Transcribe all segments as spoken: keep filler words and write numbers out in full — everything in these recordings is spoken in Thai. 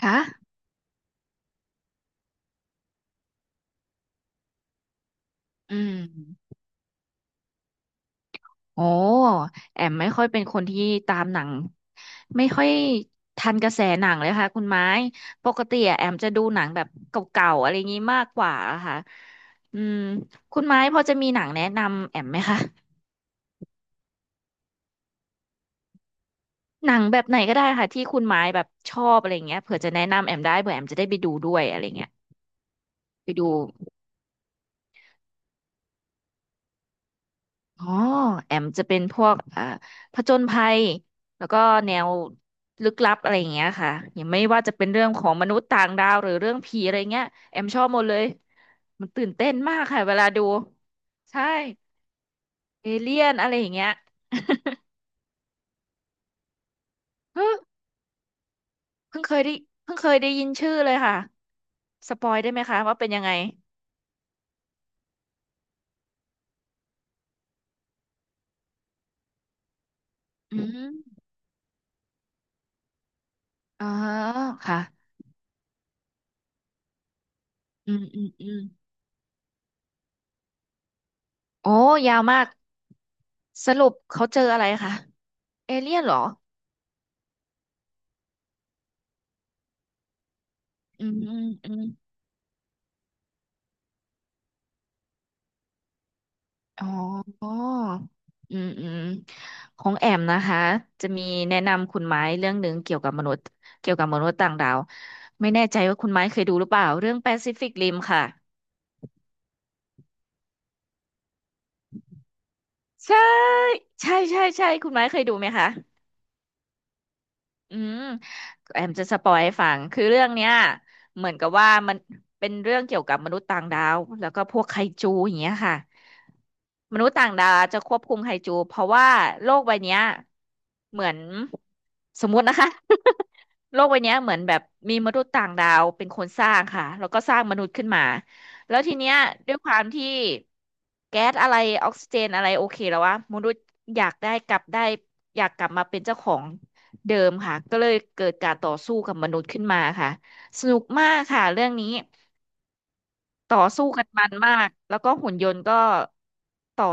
คะอืมโอ้แอมไม่ค่อยเป็นคนที่ตามหนังไม่ค่อยทันกระแสหนังเลยค่ะคุณไม้ปกติอะแอมจะดูหนังแบบเก่าๆอะไรอย่างี้มากกว่าอะค่ะอืมคุณไม้พอจะมีหนังแนะนำแอมไหมคะหนังแบบไหนก็ได้ค่ะที่คุณไม้แบบชอบอะไรอย่างเงี้ยเผื่อจะแนะนำแอมได้เผื่อแอมจะได้ไปดูด้วยอะไรอย่างเงี้ยไปดู อ๋อแอมจะเป็นพวกอ่าผจญภัยแล้วก็แนวลึกลับอะไรอย่างเงี้ยค่ะอย่างไม่ว่าจะเป็นเรื่องของมนุษย์ต่างดาวหรือเรื่องผีอะไรเงี้ยแอมชอบหมดเลยมันตื่นเต้นมากค่ะเวลาดูใช่เอเลี่ยนอะไรอย่างเงี้ย เฮ้ยเพิ่งเคยได้เพิ่งเคยได้ยินชื่อเลยค่ะสปอยได้ไหมคะว่าเป็นยังไงอืมอ๋อค่ะอืมอืมอืมโอ้ยาวมากสรุปเขาเจออะไรคะเอเลี่ยนเหรออืมอืม อ๋ออืมอืมของแอมนะคะจะมีแนะนำคุณไม้เรื่องหนึ่งเกี่ยวกับมนุษย์เกี่ยวกับมนุษย์ต่างดาวไม่แน่ใจว่าคุณไม้เคยดูหรือเปล่าเรื่องแปซิฟิกริมค่ะใช่ใช่ใช่ใช่คุณไม้เคยดูไหมคะอืมแอมจะสปอยให้ฟังคือเรื่องเนี้ยเหมือนกับว่ามันเป็นเรื่องเกี่ยวกับมนุษย์ต่างดาว แล้วก็พวกไคจูอย่างเงี้ยค่ะ มนุษย์ต่างดาวจะควบคุมไฮจูเพราะว่าโลกใบเนี้ยเหมือนสมมุตินะคะ โลกใบเนี้ยเหมือนแบบมีมนุษย์ต่างดาวเป็นคนสร้างค่ะแล้วก็สร้างมนุษย์ขึ้นมาแล้วทีเนี้ยด้วยความที่แก๊สอะไรออกซิเจนอะไรโอเคแล้ววะมนุษย์อยากได้กลับได้อยากกลับมาเป็นเจ้าของเดิมค่ะก็เลยเกิดการต่อสู้กับมนุษย์ขึ้นมาค่ะสนุกมากค่ะเรื่องนี้ ต่อสู้กันมันมาก แล้วก็หุ่นยนต์ก็ต่อ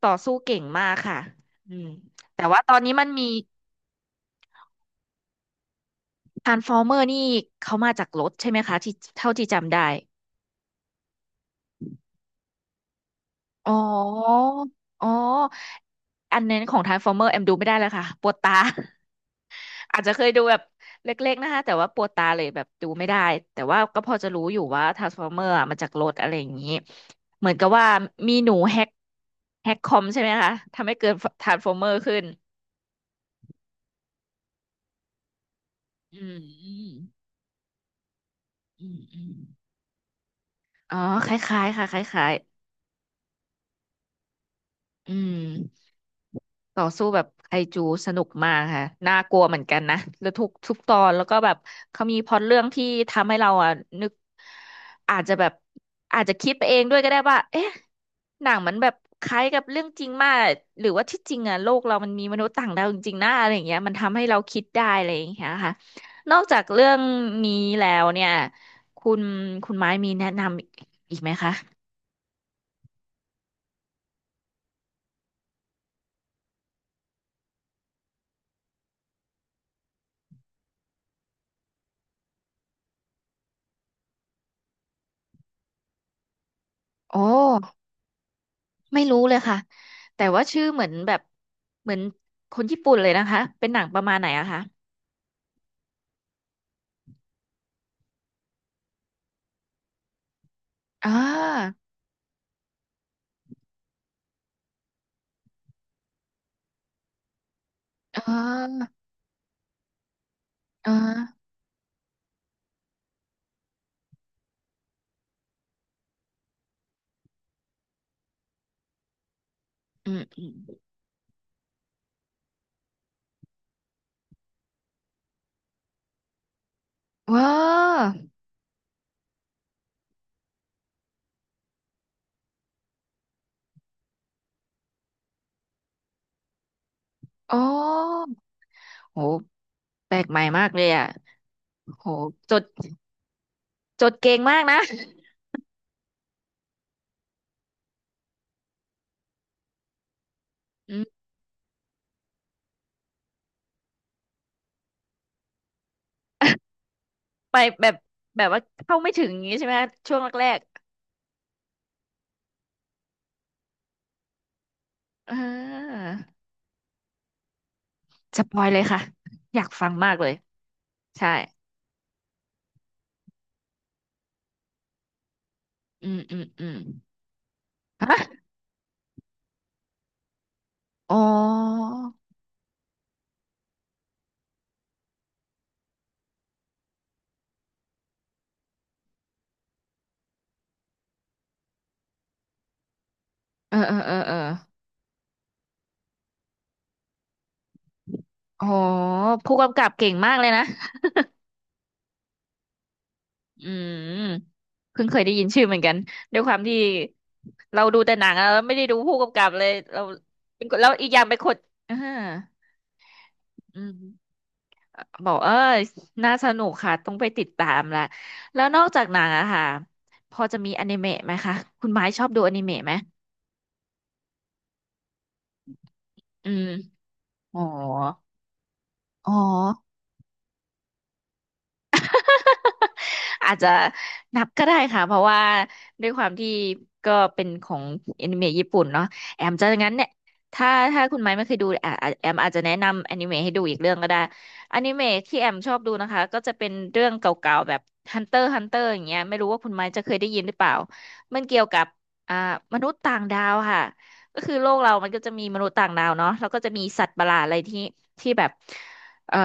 ต่อสู้เก่งมากค่ะอืมแต่ว่าตอนนี้มันมีทรานส์ฟอร์เมอร์นี่เขามาจากรถใช่ไหมคะที่เท่าที่จำได้อ๋ออ๋ออันนั้นของทรานส์ฟอร์เมอร์แอมดูไม่ได้แล้วค่ะปวดตา อาจจะเคยดูแบบเล็กๆนะคะแต่ว่าปวดตาเลยแบบดูไม่ได้แต่ว่าก็พอจะรู้อยู่ว่าทรานส์ฟอร์เมอร์มาจากรถอะไรอย่างนี้เหมือนกับว่ามีหนูแฮกแฮกคอมใช่ไหมคะทำให้เกิดทรานส์ฟอร์เมอร์ขึ้น อืมอืมอืมอืมอ๋อคล้ายๆค่ะคล้ายๆอืมต่อสู้แบบไคจูสนุกมากค่ะน่ากลัวเหมือนกันนะแล้วทุกทุกตอนแล้วก็แบบเขามีพล็อตเรื่องที่ทำให้เราอ่ะนึกอาจจะแบบอาจจะคิดไปเองด้วยก็ได้ว่าเอ๊ะหนังมันแบบคล้ายกับเรื่องจริงมากหรือว่าที่จริงอ่ะโลกเรามันมีมนุษย์ต่างดาวจริงๆนะอะไรอย่างเงี้ยมันทำให้เราคิดได้อะไรอย่างเงี้ยค่ะนอกจากเรื่องนี้แล้วเนี่ยคุณคุณไม้มีแนะนำอีกไหมคะ อ๋อไม่รู้เลยค่ะแต่ว่าชื่อเหมือนแบบเหมือนคนญี่ปุ่นเลยนะคะเป็นหนังประมาณไหนอะคะอ่าอ่าอ่าอืมอืมว้าวอ๋อโหแปลกใหม่มากเลยอะโหจดจดเก่งมากนะอืมไปแบบแบบว่าเข้าไม่ถึงอย่างงี้ใช่ไหมคะช่วงแรกๆเอ่าสปอยเลยค่ะอยากฟังมากเลยใช่อืมอืมอืมฮะอ๋อเออเออเออเออ อ๋อผู้กำกับเก่งมากเลยนะอืมเพิ่งเคยได้ยินชื่อเหมือนกันด้วยความที่เราดูแต่หนังแล้วไม่ได้ดูผู้กำกับเลยเราเป็นคนแล้วอีกอย่างไปนคนอ่าอืมบอกเออน่าสนุกค่ะต้องไปติดตามละแล้วนอกจากหนังอะค่ะพอจะมีอนิเมะไหมคะคุณไม้ชอบดูอนิเมะไหมอืมอ๋ออ๋อ อาจจะนับก็ได้ค่ะเพราะว่าด้วยความที่ก็เป็นของแอนิเมะญี่ปุ่นเนาะแอมจะงั้นเนี่ยถ้าถ้าคุณไม้ไม่เคยดูอ่ะอ่ะแอมอาจจะแนะนำแอนิเมะให้ดูอีกเรื่องก็ได้แอนิเมะที่แอมชอบดูนะคะก็จะเป็นเรื่องเก่าๆแบบ ฮันเตอร์ เอ็กซ์ ฮันเตอร์ อย่างเงี้ยไม่รู้ว่าคุณไม้จะเคยได้ยินหรือเปล่ามันเกี่ยวกับอ่ามนุษย์ต่างดาวค่ะก็คือโลกเรามันก็จะมีมนุษย์ต่างดาวเนาะแล้วก็จะมีสัตว์ประหลาดอะไรที่ที่แบบเอ่อ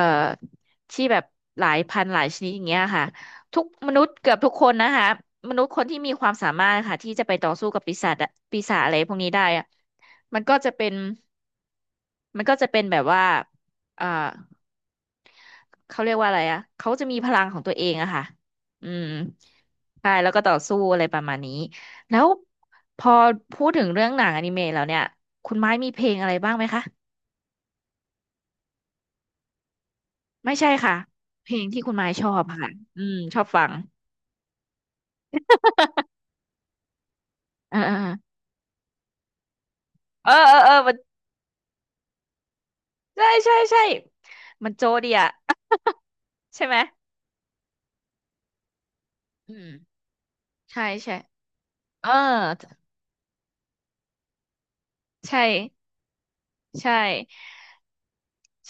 ที่แบบหลายพันหลายชนิดอย่างเงี้ยค่ะ ทุกมนุษย์เกือบทุกคนนะคะมนุษย์คนที่มีความสามารถค่ะที่จะไปต่อสู้กับปีศาจอะปีศาจอะไรพวกนี้ได้อะมันก็จะเป็นมันก็จะเป็นแบบว่าเอ่อเขาเรียกว่าอะไรอะเขาจะมีพลังของตัวเองอะค่ะอืมใช่แล้วก็ต่อสู้อะไรประมาณนี้แล้วพอพูดถึงเรื่องหนังอนิเมะแล้วเนี่ยคุณไม้มีเพลงอะไรบ้างไหมคะไม่ใช่ค่ะเพลงที่คุณไม้ชอบค่ะอืมชอบฟังเออเออเออเออเออมันใช่ใช่ใช่มันโจดีอะ ใช่ไหมอืมใช่ใช่เออใช่ใช่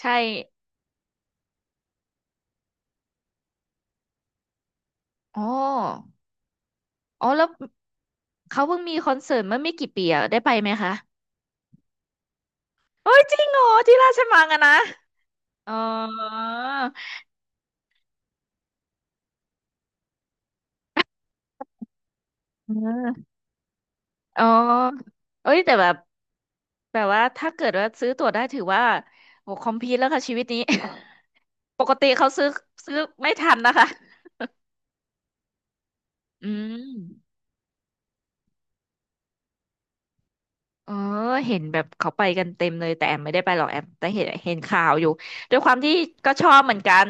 ใช่อ๋ออ๋อแล้วเขาเพิ่งมีคอนเสิร์ตเมื่อไม่กี่ปีอะได้ไปไหมคะโอ้ยจริงเหรอที่ราชมังอะนะอ๋อเอออ๋อเอ้ยแต่แบบแบบว่าถ้าเกิดว่าซื้อตั๋วได้ถือว่าโหคอมพีทแล้วค่ะชีวิตนี้ ปกติเขาซื้อซื้อไม่ทันนะคะอืม เออเห็นแบบเขาไปกันเต็มเลยแต่แอมไม่ได้ไปหรอกแอมแต่เห็นเห็นข่าวอยู่ด้วยความที่ก็ชอบเหมือนกัน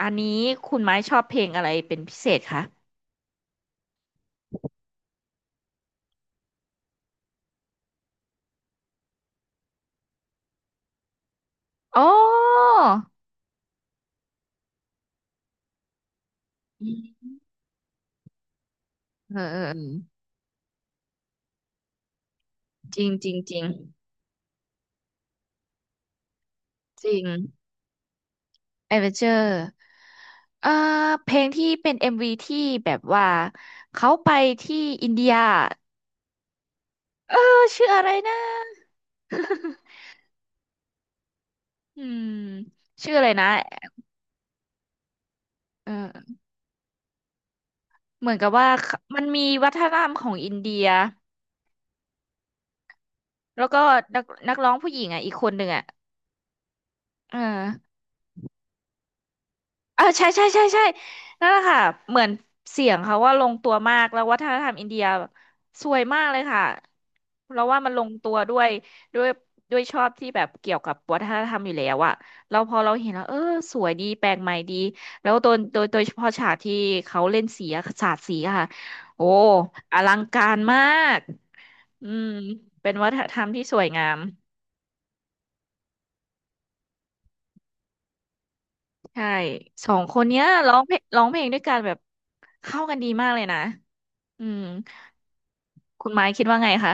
อันนี้คุณไม้ชอบเพลงอะไรเป็นพิเศษคะโอ๋อืมเออเออเออจริงจริงจริงจริงเอเวอเจอร์เอ่อเพลงที่เป็นเอ็มวีที่แบบว่าเขาไปที่อินเดียเออชื่ออะไรนะ อืมชื่ออะไรนะเออเหมือนกับว่าเขามันมีวัฒนธรรมของอินเดีย แล้วก็นักนักร้องผู้หญิงอ่ะอีกคนหนึ่งอ่ะเอออ่าใช่ใช่ใช่ใช่นั่นแหละค่ะเหมือนเสียงเขาว่าลงตัวมากแล้ววัฒนธรรมอินเดียสวยมากเลยค่ะเราว่ามันลงตัวด้วยด้วยด้วยชอบที่แบบเกี่ยวกับวัฒนธรรมอยู่แล้วอะเราพอเราเห็นแล้วเออสวยดีแปลกใหม่ดีแล้วโดยโดยโดยเฉพาะฉากที่เขาเล่นสีอะสาดสีอะค่ะโอ้อลังการมากอืมเป็นวัฒนธรรมที่สวยงาม ใช่สองคนเนี้ยร้องเพลงร้องเพลงด้วยกันแบบเข้ากันดีมากเลยนะอืมคุณไม้คิดว่าไงคะ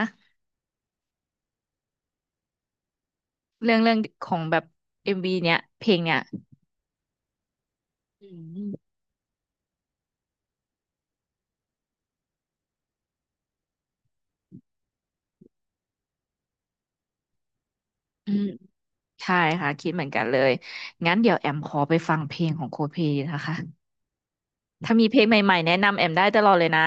เรื่องเรื่องของแบบเอ็มวีเนี้ยเพลงเนี้ยอืมอืมใช่ค่ะคิดเหมือนกันเลยงั้นเดี๋ยวแอมขอไปฟังเพลงของโคเพนะคะถ้ามีเพลงใหม่ๆแนะนำแอมได้ตลอดเลยนะ